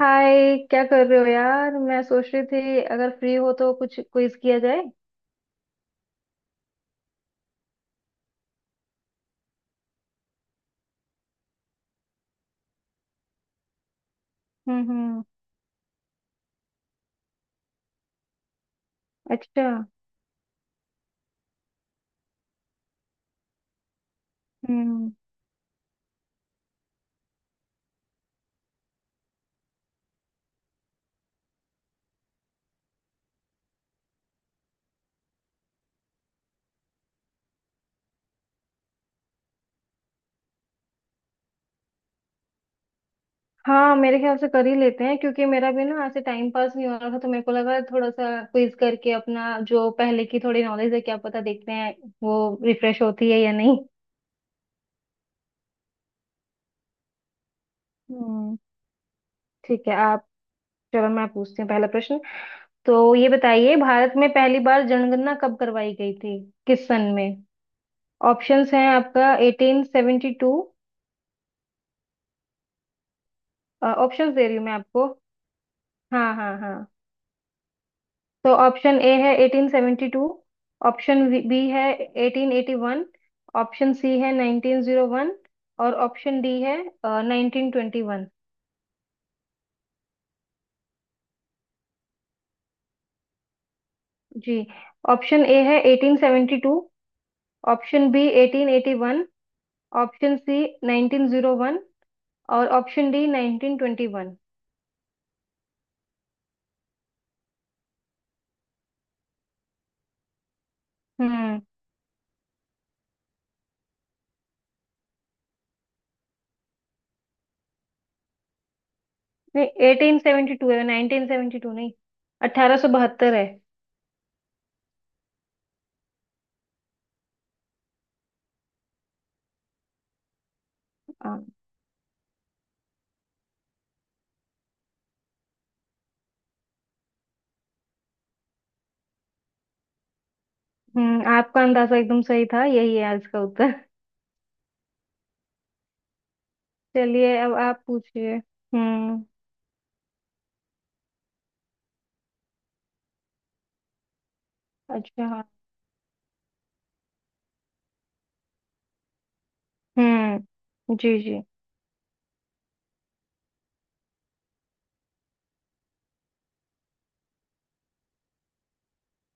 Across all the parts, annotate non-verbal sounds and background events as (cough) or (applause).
हाय! क्या कर रहे हो, यार? मैं सोच रही थी अगर फ्री हो तो कुछ क्विज किया जाए। हम्म। हम्म। अच्छा। हम्म। हाँ, मेरे ख्याल से कर ही लेते हैं क्योंकि मेरा भी ना ऐसे टाइम पास नहीं हो रहा था, तो मेरे को लगा थोड़ा सा क्विज करके अपना जो पहले की थोड़ी नॉलेज है क्या पता देखते हैं वो रिफ्रेश होती है या नहीं। हम्म। ठीक है आप। चलो मैं पूछती हूँ पहला प्रश्न। तो ये बताइए, भारत में पहली बार जनगणना कब करवाई गई थी? किस सन में? ऑप्शंस हैं आपका 1872। ऑप्शंस दे रही हूँ मैं आपको। हाँ हाँ हाँ। तो ऑप्शन ए है 1872, ऑप्शन बी है 1881, ऑप्शन सी है 1901 और ऑप्शन डी है 1921। जी। ऑप्शन ए है 1872, ऑप्शन बी 1881, ऑप्शन सी 1901 और ऑप्शन डी 1921। हम्म। नहीं, 1872 है, 1972 नहीं। 1872 है। हाँ। हम्म, आपका अंदाजा एकदम सही था, यही है आज का उत्तर। (laughs) चलिए अब आप पूछिए। हम्म। अच्छा। हाँ। हम्म। जी जी।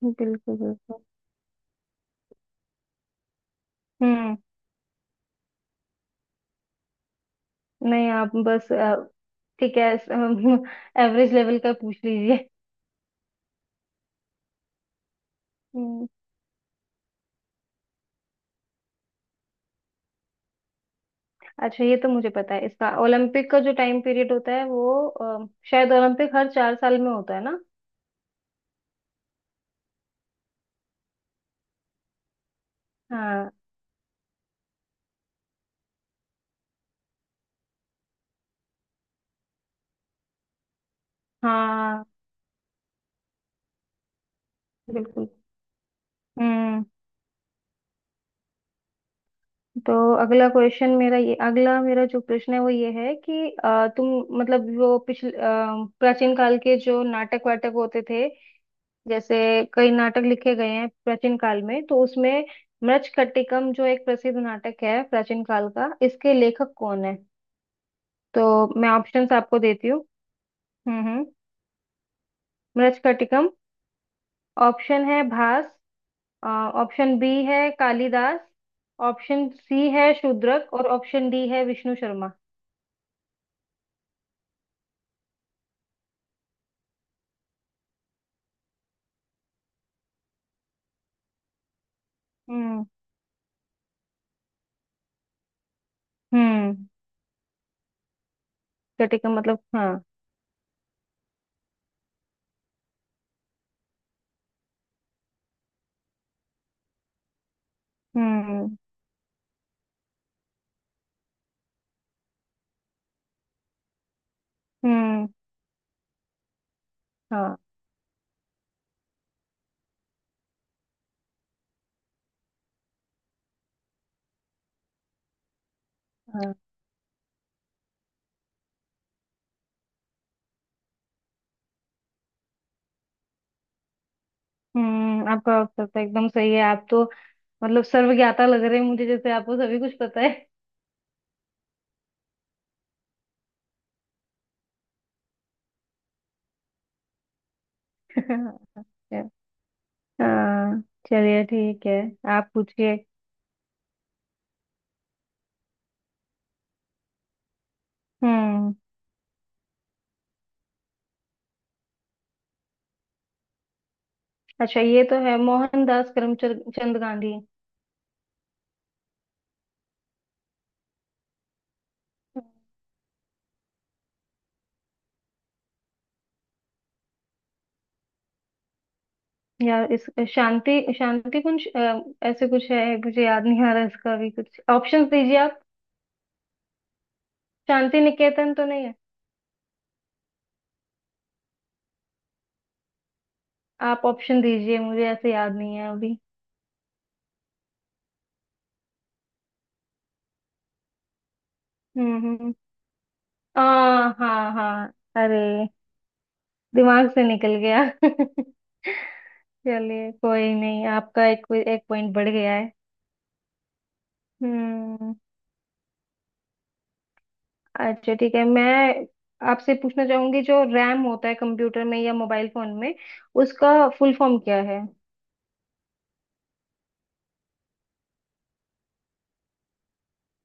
बिल्कुल बिल्कुल। हम्म। नहीं, आप बस ठीक है, (laughs) एवरेज लेवल का पूछ लीजिए। हम्म। अच्छा, ये तो मुझे पता है इसका। ओलंपिक का जो टाइम पीरियड होता है वो शायद ओलंपिक हर 4 साल में होता है ना। हाँ हाँ। बिल्कुल। हम्म। तो अगला क्वेश्चन मेरा, ये अगला मेरा जो प्रश्न है वो ये है कि तुम मतलब वो पिछले प्राचीन काल के जो नाटक वाटक होते थे, जैसे कई नाटक लिखे गए हैं प्राचीन काल में तो उसमें मृच्छकटिकम जो एक प्रसिद्ध नाटक है प्राचीन काल का, इसके लेखक कौन है? तो मैं ऑप्शंस आपको देती हूँ। हम्म। मृच्छकटिकम ऑप्शन है भास, ऑप्शन बी है कालिदास, ऑप्शन सी है शूद्रक और ऑप्शन डी है विष्णु शर्मा। हम्म हम्म। चटे का मतलब हाँ। हम्म हम्म। हाँ हाँ। हम्म, आपका उत्तर तो एकदम सही है। आप तो मतलब सर्वज्ञाता लग रहे हैं मुझे, जैसे आपको सभी कुछ पता है। (laughs) हाँ। चलिए, ठीक है। आप पूछिए। हम्म। अच्छा, ये तो है मोहनदास करमचंद चंद गांधी। या इस शांति शांति कुंज ऐसे कुछ है, मुझे याद नहीं आ रहा, इसका भी कुछ ऑप्शन दीजिए आप। शांति निकेतन तो नहीं है? आप ऑप्शन दीजिए, मुझे ऐसे याद नहीं है अभी। हम्म। आ, हाँ हाँ। अरे, दिमाग से निकल गया। (laughs) चलिए कोई नहीं, आपका एक एक पॉइंट बढ़ गया है। हम्म। अच्छा ठीक है, मैं आपसे पूछना चाहूंगी जो रैम होता है कंप्यूटर में या मोबाइल फोन में उसका फुल फॉर्म क्या है?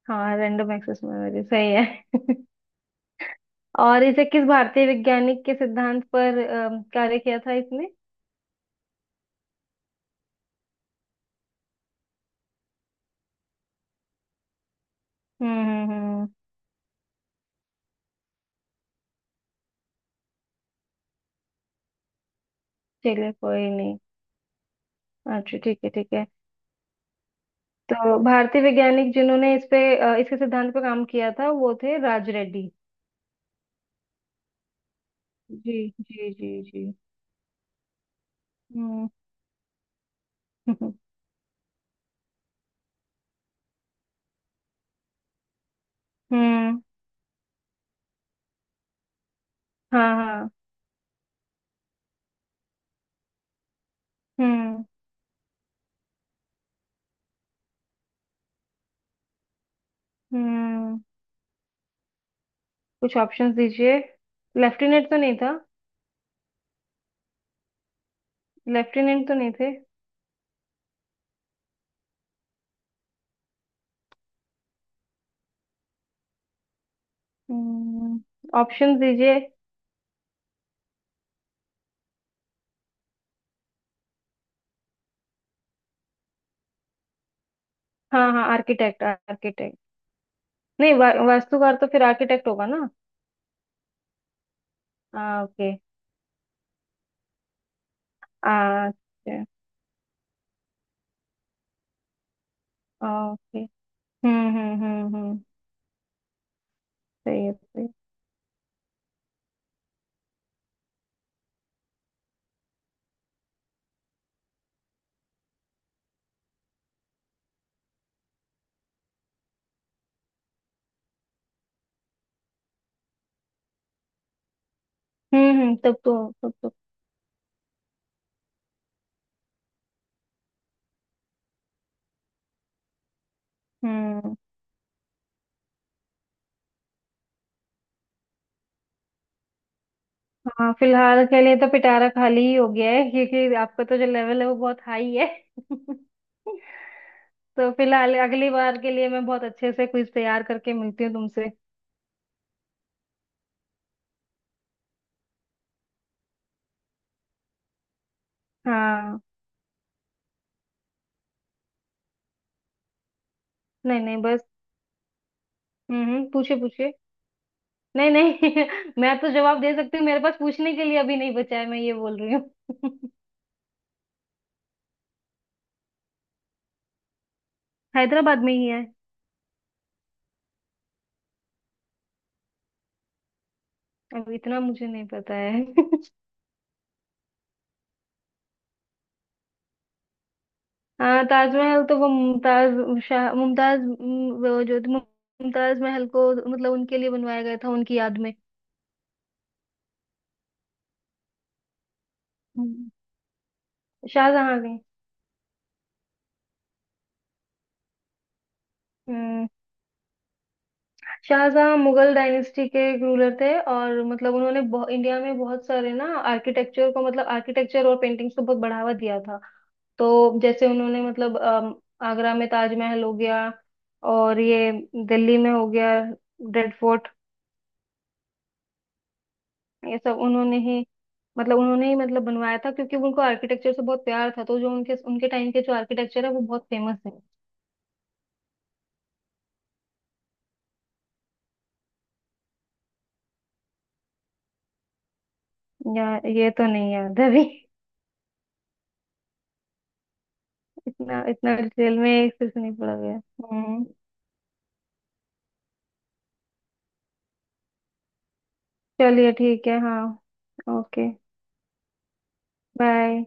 हाँ, रैंडम एक्सेस मेमोरी सही है। (laughs) और इसे किस भारतीय वैज्ञानिक के सिद्धांत पर कार्य किया था इसने? हम्म। चलिए कोई नहीं। अच्छा ठीक है, ठीक है। तो भारतीय वैज्ञानिक जिन्होंने इस पे इसके सिद्धांत पे काम किया था वो थे राज रेड्डी। जी जी जी जी। हम्म। (laughs) हम्म। हाँ हाँ। हम्म हम्म। कुछ ऑप्शंस दीजिए। लेफ्टिनेंट तो नहीं था? लेफ्टिनेंट तो नहीं थे? हम्म। ऑप्शंस दीजिए। हाँ हाँ, आर्किटेक्ट आर्किटेक्ट। नहीं, वास्तुकार तो फिर आर्किटेक्ट होगा ना। हाँ ओके। अच्छा। ओके। हम्म। सही है सही है। हम्म। तब तो। हम्म। हाँ, फिलहाल के लिए तो पिटारा खाली ही हो गया है क्योंकि आपका तो जो लेवल है वो बहुत हाई है। (laughs) तो फिलहाल अगली बार के लिए मैं बहुत अच्छे से क्विज तैयार करके मिलती हूँ तुमसे। हाँ। नहीं नहीं, बस। पूछिए पूछिए। नहीं नहीं। (laughs) मैं तो जवाब दे सकती हूँ, मेरे पास पूछने के लिए अभी नहीं बचा है, मैं ये बोल रही हूँ। (laughs) हैदराबाद में ही है। अब इतना मुझे नहीं पता है। (laughs) हाँ, ताजमहल तो वो मुमताज, शाह मुमताज वो जो थी, मुमताज महल को, मतलब उनके लिए बनवाया गया था उनकी याद में। हम्म। शाहजहां ने। हम्म, शाहजहां मुगल डायनेस्टी के एक रूलर थे और मतलब उन्होंने इंडिया में बहुत सारे ना आर्किटेक्चर को, मतलब आर्किटेक्चर और पेंटिंग्स को बहुत बढ़ावा दिया था। तो जैसे उन्होंने मतलब आगरा में ताजमहल हो गया, और ये दिल्ली में हो गया रेड फोर्ट, ये सब उन्होंने ही, मतलब उन्होंने ही मतलब बनवाया था क्योंकि उनको आर्किटेक्चर से बहुत प्यार था। तो जो उनके उनके टाइम के जो आर्किटेक्चर है वो बहुत फेमस है। या, ये तो नहीं याद है अभी। (laughs) इतना इतना डिटेल में एक से नहीं पड़ा गया। हम्म। चलिए ठीक है, हाँ ओके। बाय।